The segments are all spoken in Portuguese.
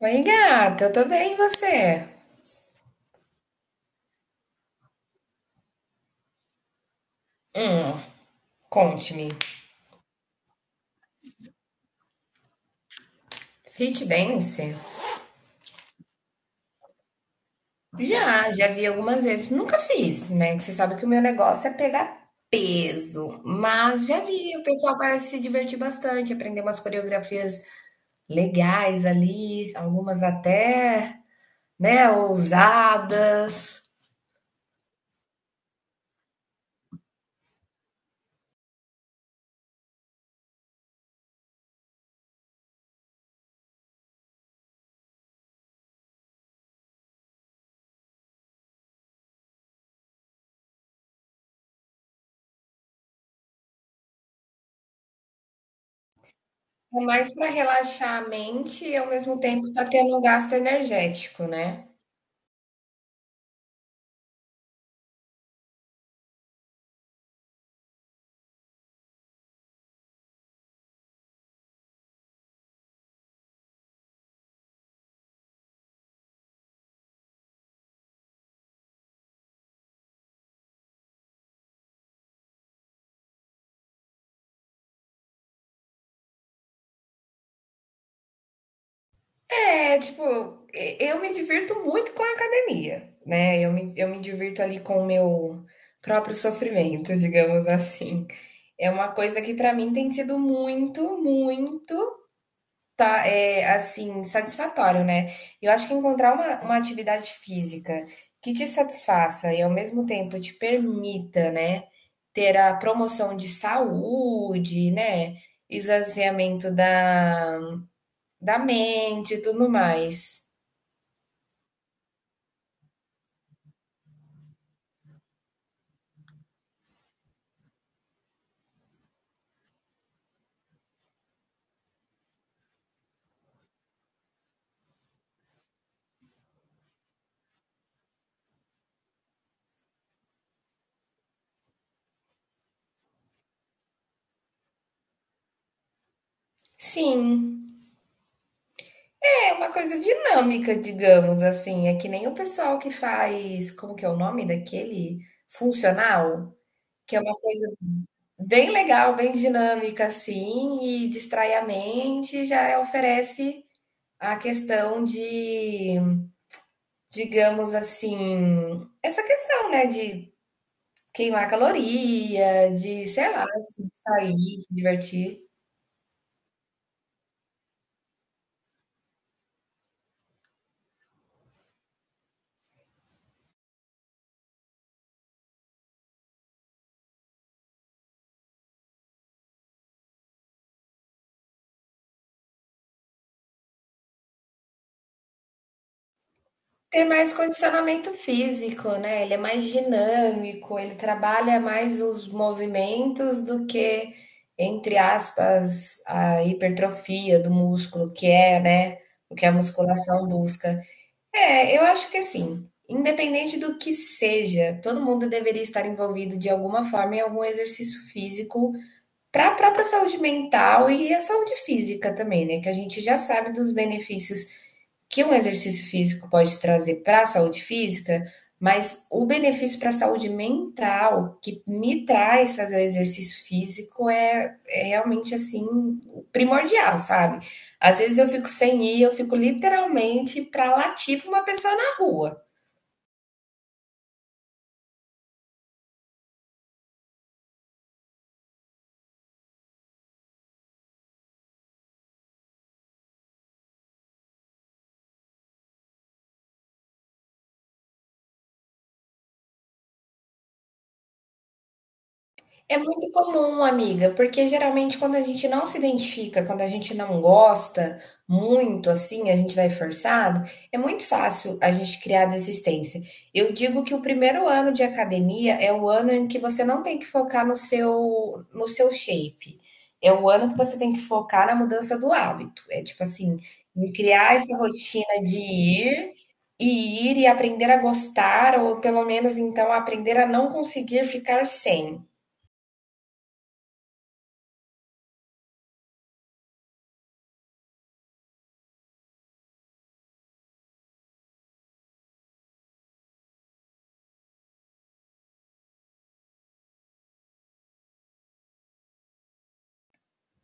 Oi, gata, eu tô bem, e você? Hum, conte-me. Fit dance? Já vi algumas vezes. Nunca fiz, né? Que você sabe que o meu negócio é pegar peso, mas já vi. O pessoal parece se divertir bastante, aprender umas coreografias legais ali, algumas até, né, ousadas. É mais para relaxar a mente e ao mesmo tempo tá tendo um gasto energético, né? É, tipo, eu me divirto muito com a academia, né? Eu me divirto ali com o meu próprio sofrimento, digamos assim. É uma coisa que pra mim tem sido muito, muito, tá, é, assim, satisfatório, né? Eu acho que encontrar uma atividade física que te satisfaça e ao mesmo tempo te permita, né, ter a promoção de saúde, né? Esvaziamento da, da mente e tudo mais. Sim, é uma coisa dinâmica, digamos assim. É que nem o pessoal que faz, como que é o nome daquele? Funcional, que é uma coisa bem legal, bem dinâmica, assim, e distrai a mente, já oferece a questão de, digamos assim, essa questão, né, de queimar caloria, de, sei lá, se sair, se divertir. Tem mais condicionamento físico, né? Ele é mais dinâmico, ele trabalha mais os movimentos do que, entre aspas, a hipertrofia do músculo, que é, né, o que a musculação busca. É, eu acho que assim, independente do que seja, todo mundo deveria estar envolvido de alguma forma em algum exercício físico para a própria saúde mental e a saúde física também, né? Que a gente já sabe dos benefícios que um exercício físico pode trazer para a saúde física, mas o benefício para a saúde mental que me traz fazer o exercício físico é realmente assim primordial, sabe? Às vezes eu fico sem ir, eu fico literalmente para latir para uma pessoa na rua. É muito comum, amiga, porque geralmente quando a gente não se identifica, quando a gente não gosta muito assim, a gente vai forçado, é muito fácil a gente criar desistência. Eu digo que o primeiro ano de academia é o ano em que você não tem que focar no seu shape. É o ano que você tem que focar na mudança do hábito. É tipo assim, em criar essa rotina de ir e ir e aprender a gostar, ou pelo menos então aprender a não conseguir ficar sem.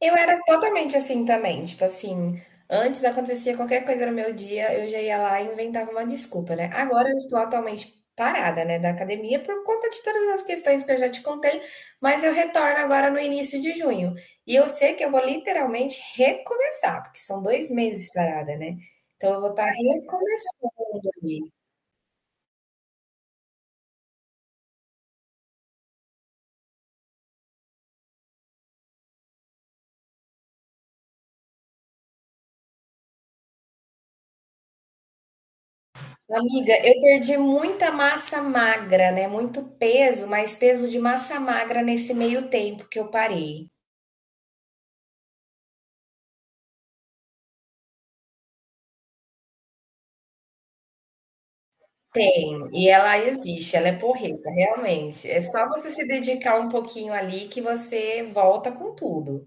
Eu era totalmente assim também, tipo assim, antes acontecia qualquer coisa no meu dia, eu já ia lá e inventava uma desculpa, né? Agora eu estou atualmente parada, né, da academia por conta de todas as questões que eu já te contei, mas eu retorno agora no início de junho. E eu sei que eu vou literalmente recomeçar, porque são dois meses parada, né? Então eu vou estar recomeçando ali. Amiga, eu perdi muita massa magra, né? Muito peso, mas peso de massa magra nesse meio tempo que eu parei. Tem, e ela existe, ela é porreta, realmente. É só você se dedicar um pouquinho ali que você volta com tudo.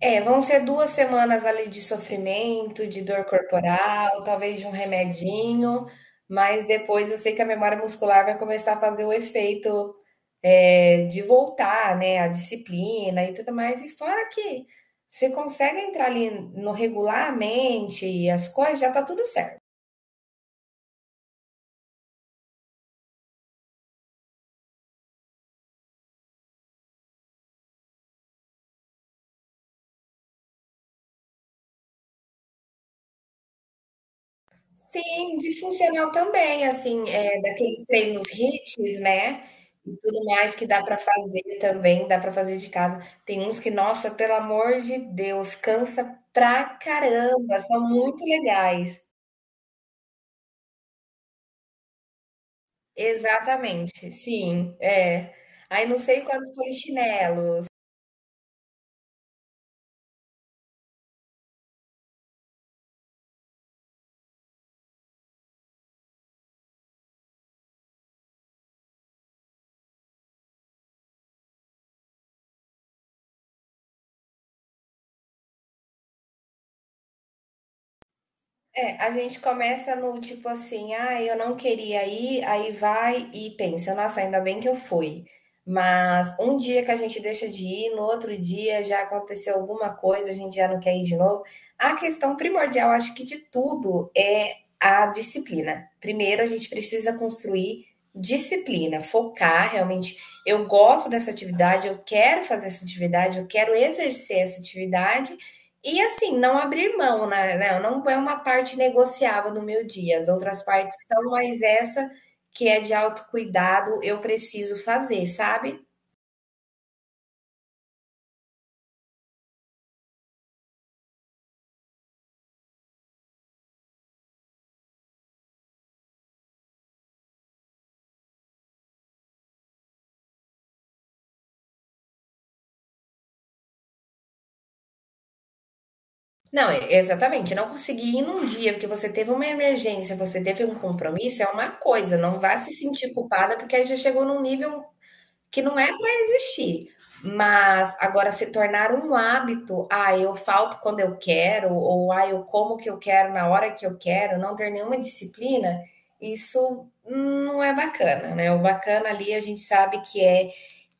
É, vão ser 2 semanas ali de sofrimento, de dor corporal, talvez de um remedinho, mas depois eu sei que a memória muscular vai começar a fazer o efeito, de voltar, né, a disciplina e tudo mais. E fora que você consegue entrar ali no regularmente e as coisas, já tá tudo certo. Sim, de funcional também, assim, daqueles treinos hits, né, e tudo mais que dá para fazer também, dá para fazer de casa. Tem uns que, nossa, pelo amor de Deus, cansa pra caramba, são muito legais. Exatamente, sim, é. Aí não sei quantos polichinelos. É, a gente começa no tipo assim, ah, eu não queria ir, aí vai e pensa, nossa, ainda bem que eu fui. Mas um dia que a gente deixa de ir, no outro dia já aconteceu alguma coisa, a gente já não quer ir de novo. A questão primordial, acho que de tudo, é a disciplina. Primeiro, a gente precisa construir disciplina, focar realmente. Eu gosto dessa atividade, eu quero fazer essa atividade, eu quero exercer essa atividade. E assim, não abrir mão, né, não é uma parte negociável no meu dia, as outras partes são, mas essa que é de autocuidado, eu preciso fazer, sabe. Não, exatamente, não conseguir ir num dia, porque você teve uma emergência, você teve um compromisso, é uma coisa, não vá se sentir culpada, porque aí já chegou num nível que não é para existir. Mas agora se tornar um hábito, ah, eu falto quando eu quero, ou ah, eu como o que eu quero na hora que eu quero, não ter nenhuma disciplina, isso não é bacana, né? O bacana ali a gente sabe que é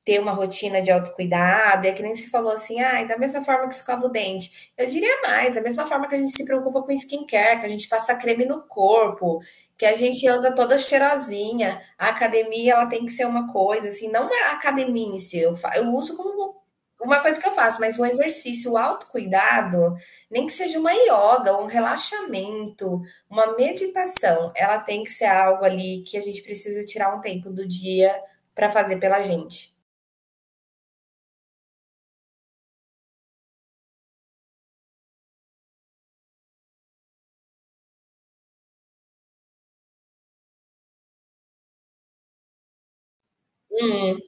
ter uma rotina de autocuidado, é que nem se falou assim, ah, da mesma forma que escova o dente. Eu diria mais, da mesma forma que a gente se preocupa com skincare, que a gente passa creme no corpo, que a gente anda toda cheirosinha. A academia, ela tem que ser uma coisa, assim, não a academia em si, eu, eu uso como uma coisa que eu faço, mas o exercício, o autocuidado, nem que seja uma yoga, um relaxamento, uma meditação, ela tem que ser algo ali que a gente precisa tirar um tempo do dia para fazer pela gente. Hum.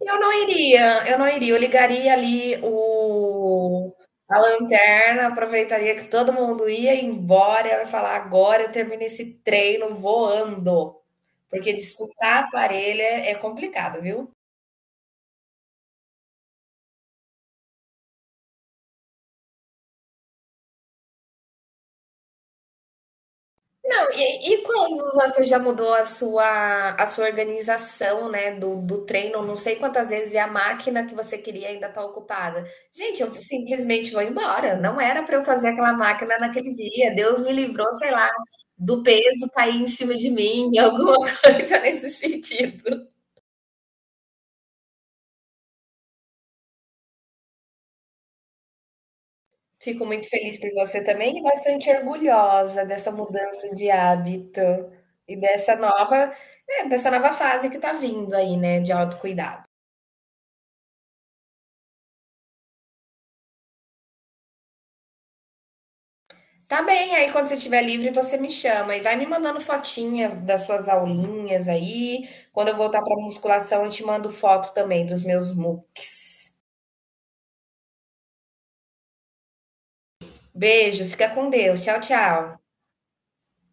Eu não iria, eu não iria. Eu ligaria ali o, a lanterna, aproveitaria que todo mundo ia embora e eu ia falar: agora eu termino esse treino voando. Porque disputar aparelho parelha é complicado, viu? Não, e quando você já mudou a sua organização, né, do, do treino, não sei quantas vezes, e a máquina que você queria ainda está ocupada. Gente, eu simplesmente vou embora. Não era para eu fazer aquela máquina naquele dia. Deus me livrou, sei lá, do peso cair em cima de mim, alguma coisa nesse sentido. Fico muito feliz por você também e bastante orgulhosa dessa mudança de hábito e dessa nova, dessa nova fase que está vindo aí, né, de autocuidado. Tá bem, aí quando você estiver livre, você me chama e vai me mandando fotinha das suas aulinhas aí. Quando eu voltar para musculação, eu te mando foto também dos meus mu. Beijo, fica com Deus. Tchau, tchau.